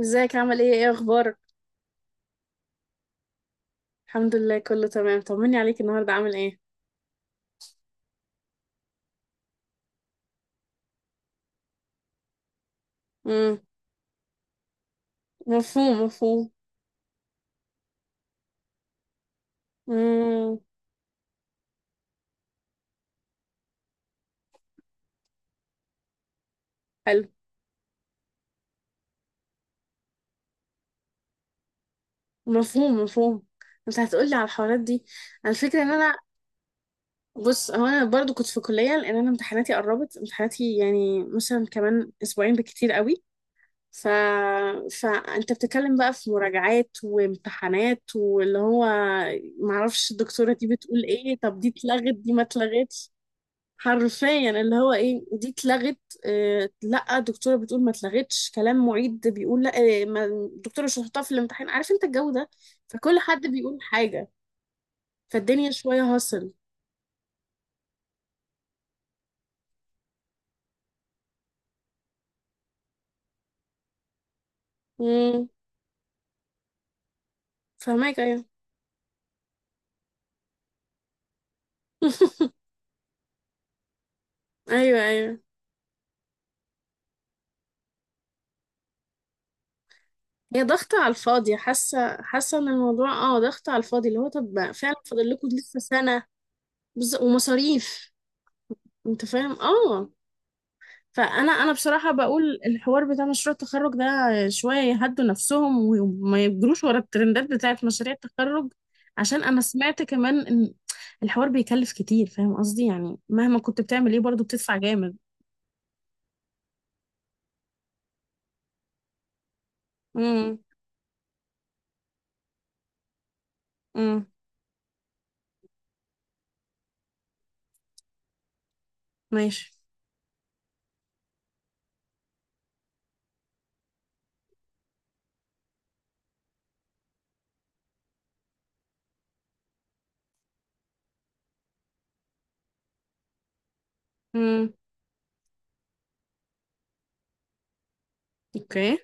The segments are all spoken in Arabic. ازيك، عامل ايه؟ ايه اخبارك؟ الحمد لله كله تمام، طمني عليك، النهارده عامل ايه؟ امم. مفهوم مفهوم. امم. حلو. مفهوم مفهوم. انت هتقولي على الحوارات دي، على الفكره ان انا بص، هو انا برضو كنت في كليه لان انا امتحاناتي قربت امتحاناتي، يعني مثلا كمان اسبوعين بالكتير قوي. ف... فانت بتتكلم بقى في مراجعات وامتحانات، واللي هو معرفش الدكتوره دي بتقول ايه، طب دي اتلغت دي ما اتلغتش؟ حرفيا اللي هو ايه، دي اتلغت؟ آه لا، الدكتوره بتقول ما اتلغتش، كلام معيد بيقول لا، ما الدكتوره مش هتحطها في الامتحان، عارف انت الجو ده، فكل حد بيقول حاجه، فالدنيا شويه هصل. امم، فهماك، ايوه. ايوه ايوه. هي ضغطة على الفاضي، حاسة ان الموضوع ضغطة على الفاضي، اللي هو طب ما فعلا فاضل لكم لسه سنة. ومصاريف. انت فاهم، اه. فانا انا بصراحه بقول الحوار بتاع مشروع التخرج ده شويه يهدوا نفسهم وما يجروش ورا الترندات بتاعت مشاريع التخرج، عشان انا سمعت كمان ان الحوار بيكلف كتير، فاهم قصدي، يعني مهما كنت بتعمل ايه برضو بتدفع جامد. امم. امم. ماشي. امم. اوكي.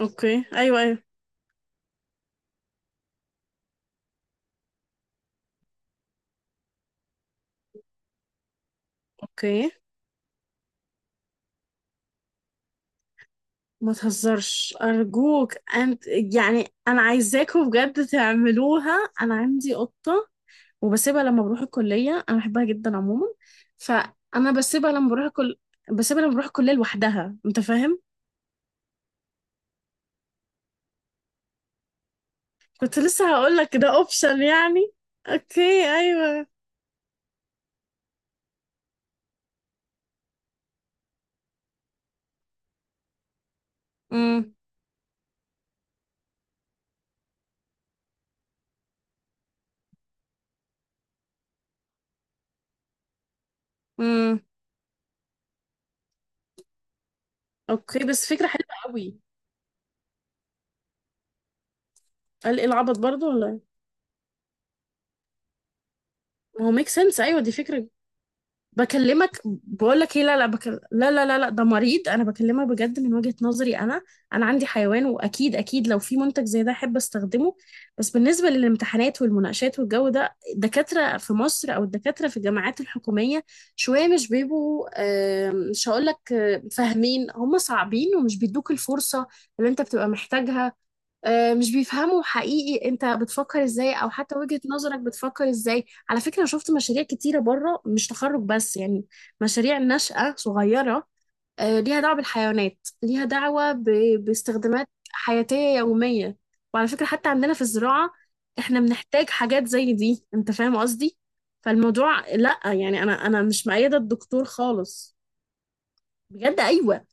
اوكي، ايوه ايوه. اوكي، ما تهزرش، ارجوك انت، يعني انا عايزاكم بجد تعملوها، انا عندي قطه وبسيبها لما بروح الكلية، أنا بحبها جدا عموما، فأنا بسيبها لما بروح الكلية لوحدها، أنت فاهم؟ كنت لسه هقول لك ده أوبشن يعني، أوكي، أيوه. امم. امم. أوكي، بس فكرة حلوة قوي. قال إيه، العبط برضه، ولا إيه؟ ما هو ميك سنس، أيوه دي فكرة. بكلمك بقول لك ايه، لا لا، لا لا لا لا، ده مريض، انا بكلمك بجد من وجهة نظري انا، انا عندي حيوان، واكيد اكيد لو في منتج زي ده احب استخدمه. بس بالنسبة للامتحانات والمناقشات والجو ده، الدكاترة في مصر او الدكاترة في الجامعات الحكومية شوية مش بيبقوا مش هقول لك فاهمين، هم صعبين ومش بيدوك الفرصة اللي انت بتبقى محتاجها. مش بيفهموا حقيقي انت بتفكر ازاي، او حتى وجهة نظرك بتفكر ازاي، على فكرة انا شفت مشاريع كتيرة بره، مش تخرج بس يعني، مشاريع نشأة صغيرة ليها دعوة بالحيوانات، ليها دعوة باستخدامات حياتية يومية، وعلى فكرة حتى عندنا في الزراعة احنا بنحتاج حاجات زي دي، انت فاهم قصدي، فالموضوع لا يعني، انا مش مؤيدة الدكتور خالص، بجد، ايوه.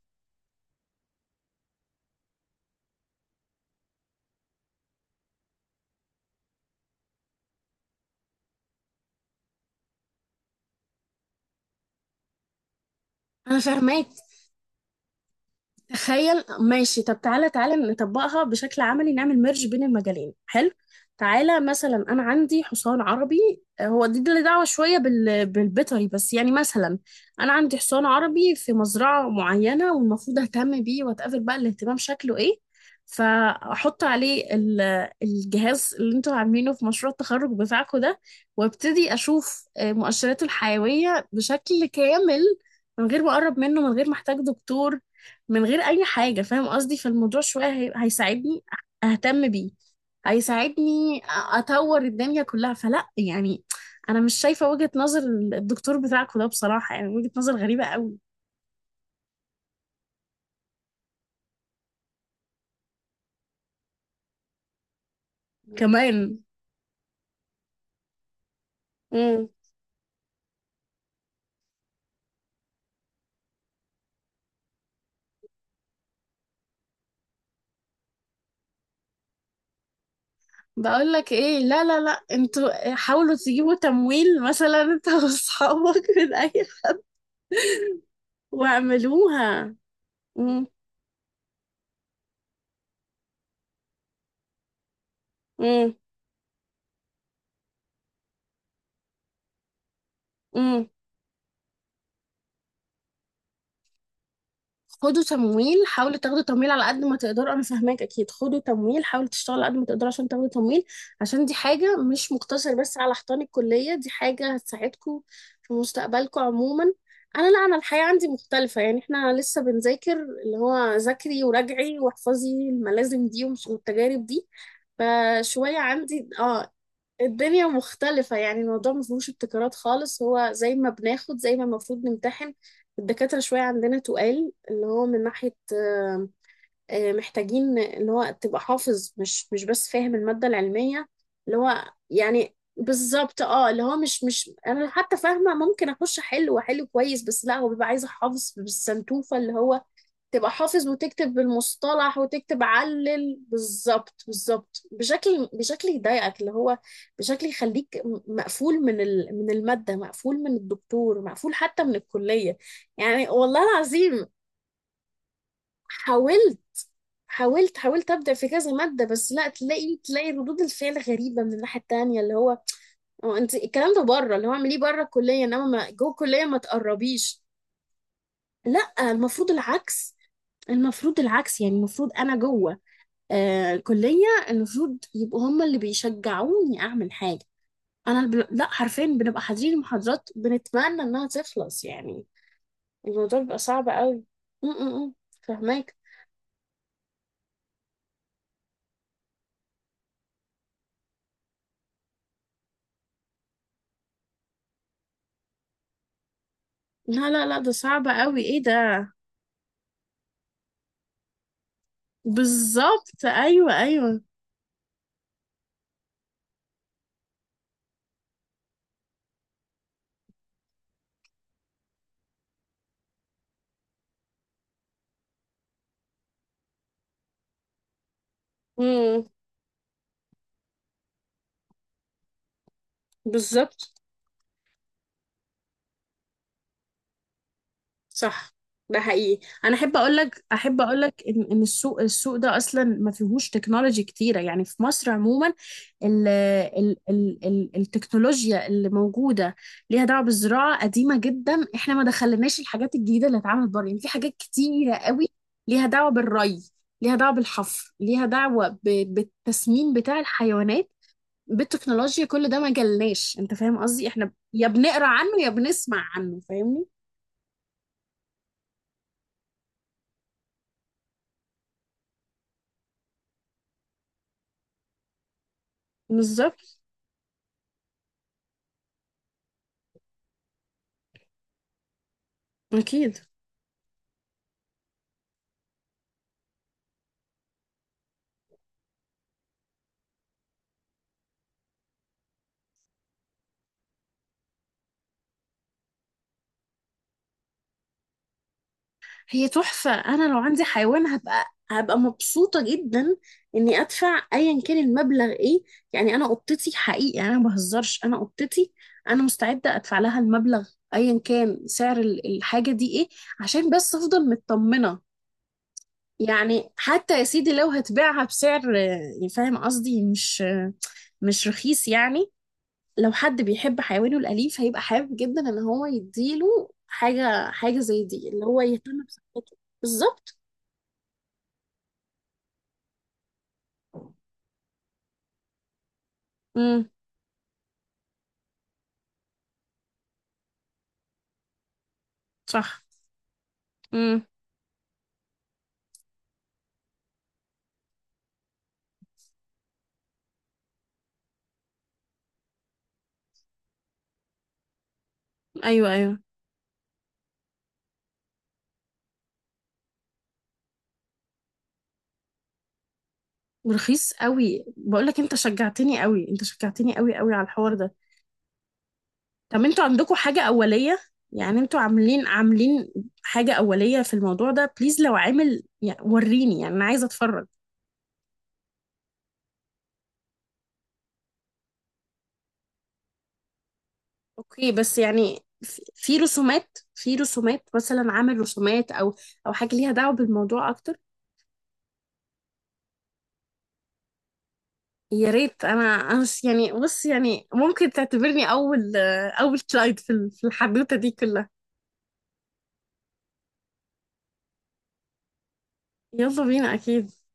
انا فاهماك، تخيل، ماشي، طب تعالى تعالى نطبقها بشكل عملي، نعمل ميرج بين المجالين، حلو. تعالى مثلا انا عندي حصان عربي، هو دي اللي دعوه شويه بالبيطري، بس يعني مثلا انا عندي حصان عربي في مزرعه معينه والمفروض اهتم بيه، واتقابل بقى الاهتمام شكله ايه، فاحط عليه الجهاز اللي انتوا عاملينه في مشروع التخرج بتاعكم ده، وابتدي اشوف مؤشراته الحيويه بشكل كامل، من غير ما اقرب منه، من غير ما احتاج دكتور، من غير اي حاجه، فاهم قصدي، فالموضوع شويه هيساعدني اهتم بيه، هيساعدني اطور الدنيا كلها، فلا يعني، انا مش شايفه وجهه نظر. الدكتور بتاعكم ده بصراحه يعني وجهه نظر غريبه قوي. كمان. امم. بقول لك ايه، لا لا لا، انتوا حاولوا تجيبوا تمويل مثلا، انت واصحابك من اي، واعملوها. امم. امم. خدوا تمويل، حاولوا تاخدوا تمويل على قد ما تقدروا، انا فاهماك، اكيد خدوا تمويل، حاولوا تشتغلوا على قد ما تقدروا عشان تاخدوا تمويل، عشان دي حاجه مش مقتصر بس على حيطان الكليه، دي حاجه هتساعدكم في مستقبلكم عموما. انا لا، انا الحياه عندي مختلفه، يعني احنا لسه بنذاكر، اللي هو ذاكري وراجعي واحفظي الملازم دي، ومش والتجارب دي، فشويه عندي، اه. الدنيا مختلفة يعني، الموضوع ما فيهوش ابتكارات خالص، هو زي ما بناخد زي ما المفروض نمتحن، الدكاترة شوية عندنا تقال، اللي هو من ناحية محتاجين اللي هو تبقى حافظ، مش بس فاهم المادة العلمية، اللي هو يعني بالظبط اللي هو مش انا حتى فاهمة، ممكن اخش احل واحل كويس، بس لا هو بيبقى عايز احافظ بالسنتوفة، اللي هو تبقى حافظ وتكتب بالمصطلح وتكتب علل، بالظبط بالظبط، بشكل يضايقك، اللي هو بشكل يخليك مقفول من من المادة، مقفول من الدكتور، مقفول حتى من الكلية، يعني والله العظيم. حاولت حاولت ابدا في كذا ماده، بس لا، تلاقي ردود الفعل غريبه من الناحيه التانيه، اللي هو هو انت الكلام ده بره، اللي هو اعمليه بره الكليه، انما جوه الكليه ما تقربيش. لا، المفروض العكس، المفروض العكس يعني، المفروض انا جوه كلية، المفروض يبقوا هم اللي بيشجعوني أعمل حاجة، لا حرفيا بنبقى حاضرين المحاضرات بنتمنى إنها تخلص يعني، الموضوع بيبقى صعب قوي. م -م -م. فهماك. لا لا لا، ده صعب قوي، إيه ده. بالظبط، أيوه أيوه. امم. بالظبط. صح، ده حقيقي، انا احب اقول لك ان السوق ده اصلا ما فيهوش تكنولوجي كتيره يعني، في مصر عموما ال التكنولوجيا اللي موجوده ليها دعوه بالزراعه قديمه جدا، احنا ما دخلناش الحاجات الجديده اللي اتعملت بره يعني، في حاجات كتيره قوي ليها دعوه بالري، ليها دعوه بالحفر، ليها دعوه بالتسمين بتاع الحيوانات بالتكنولوجيا، كل ده ما جالناش، انت فاهم قصدي، احنا يا بنقرا عنه يا بنسمع عنه، فاهمني. بالظبط. أكيد. هي تحفة، أنا لو عندي حيوان هبقى مبسوطة جدا إني أدفع أيا كان المبلغ، إيه يعني، أنا قطتي حقيقي يعني، أنا ما بهزرش، أنا قطتي، أنا مستعدة أدفع لها المبلغ أيا كان سعر الحاجة دي، إيه، عشان بس أفضل مطمنة، يعني حتى يا سيدي لو هتبيعها بسعر فاهم قصدي، مش مش رخيص يعني. لو حد بيحب حيوانه الأليف هيبقى حابب جدا إن هو يديله حاجة زي دي، اللي هو يهتم بصحته بالظبط. امم. صح. امم. أيوه أيوه. ورخيص قوي، بقول لك أنت شجعتني قوي، أنت شجعتني قوي قوي على الحوار ده. طب أنتوا عندكم حاجة أولية؟ يعني أنتوا عاملين حاجة أولية في الموضوع ده بليز؟ لو عامل يعني وريني، يعني أنا عايزة أتفرج. اوكي، بس يعني في رسومات مثلا، عامل رسومات او حاجه ليها دعوه بالموضوع اكتر. يا ريت، انا يعني بص يعني ممكن تعتبرني اول كلايد في في الحدوته دي كلها. يلا بينا، اكيد.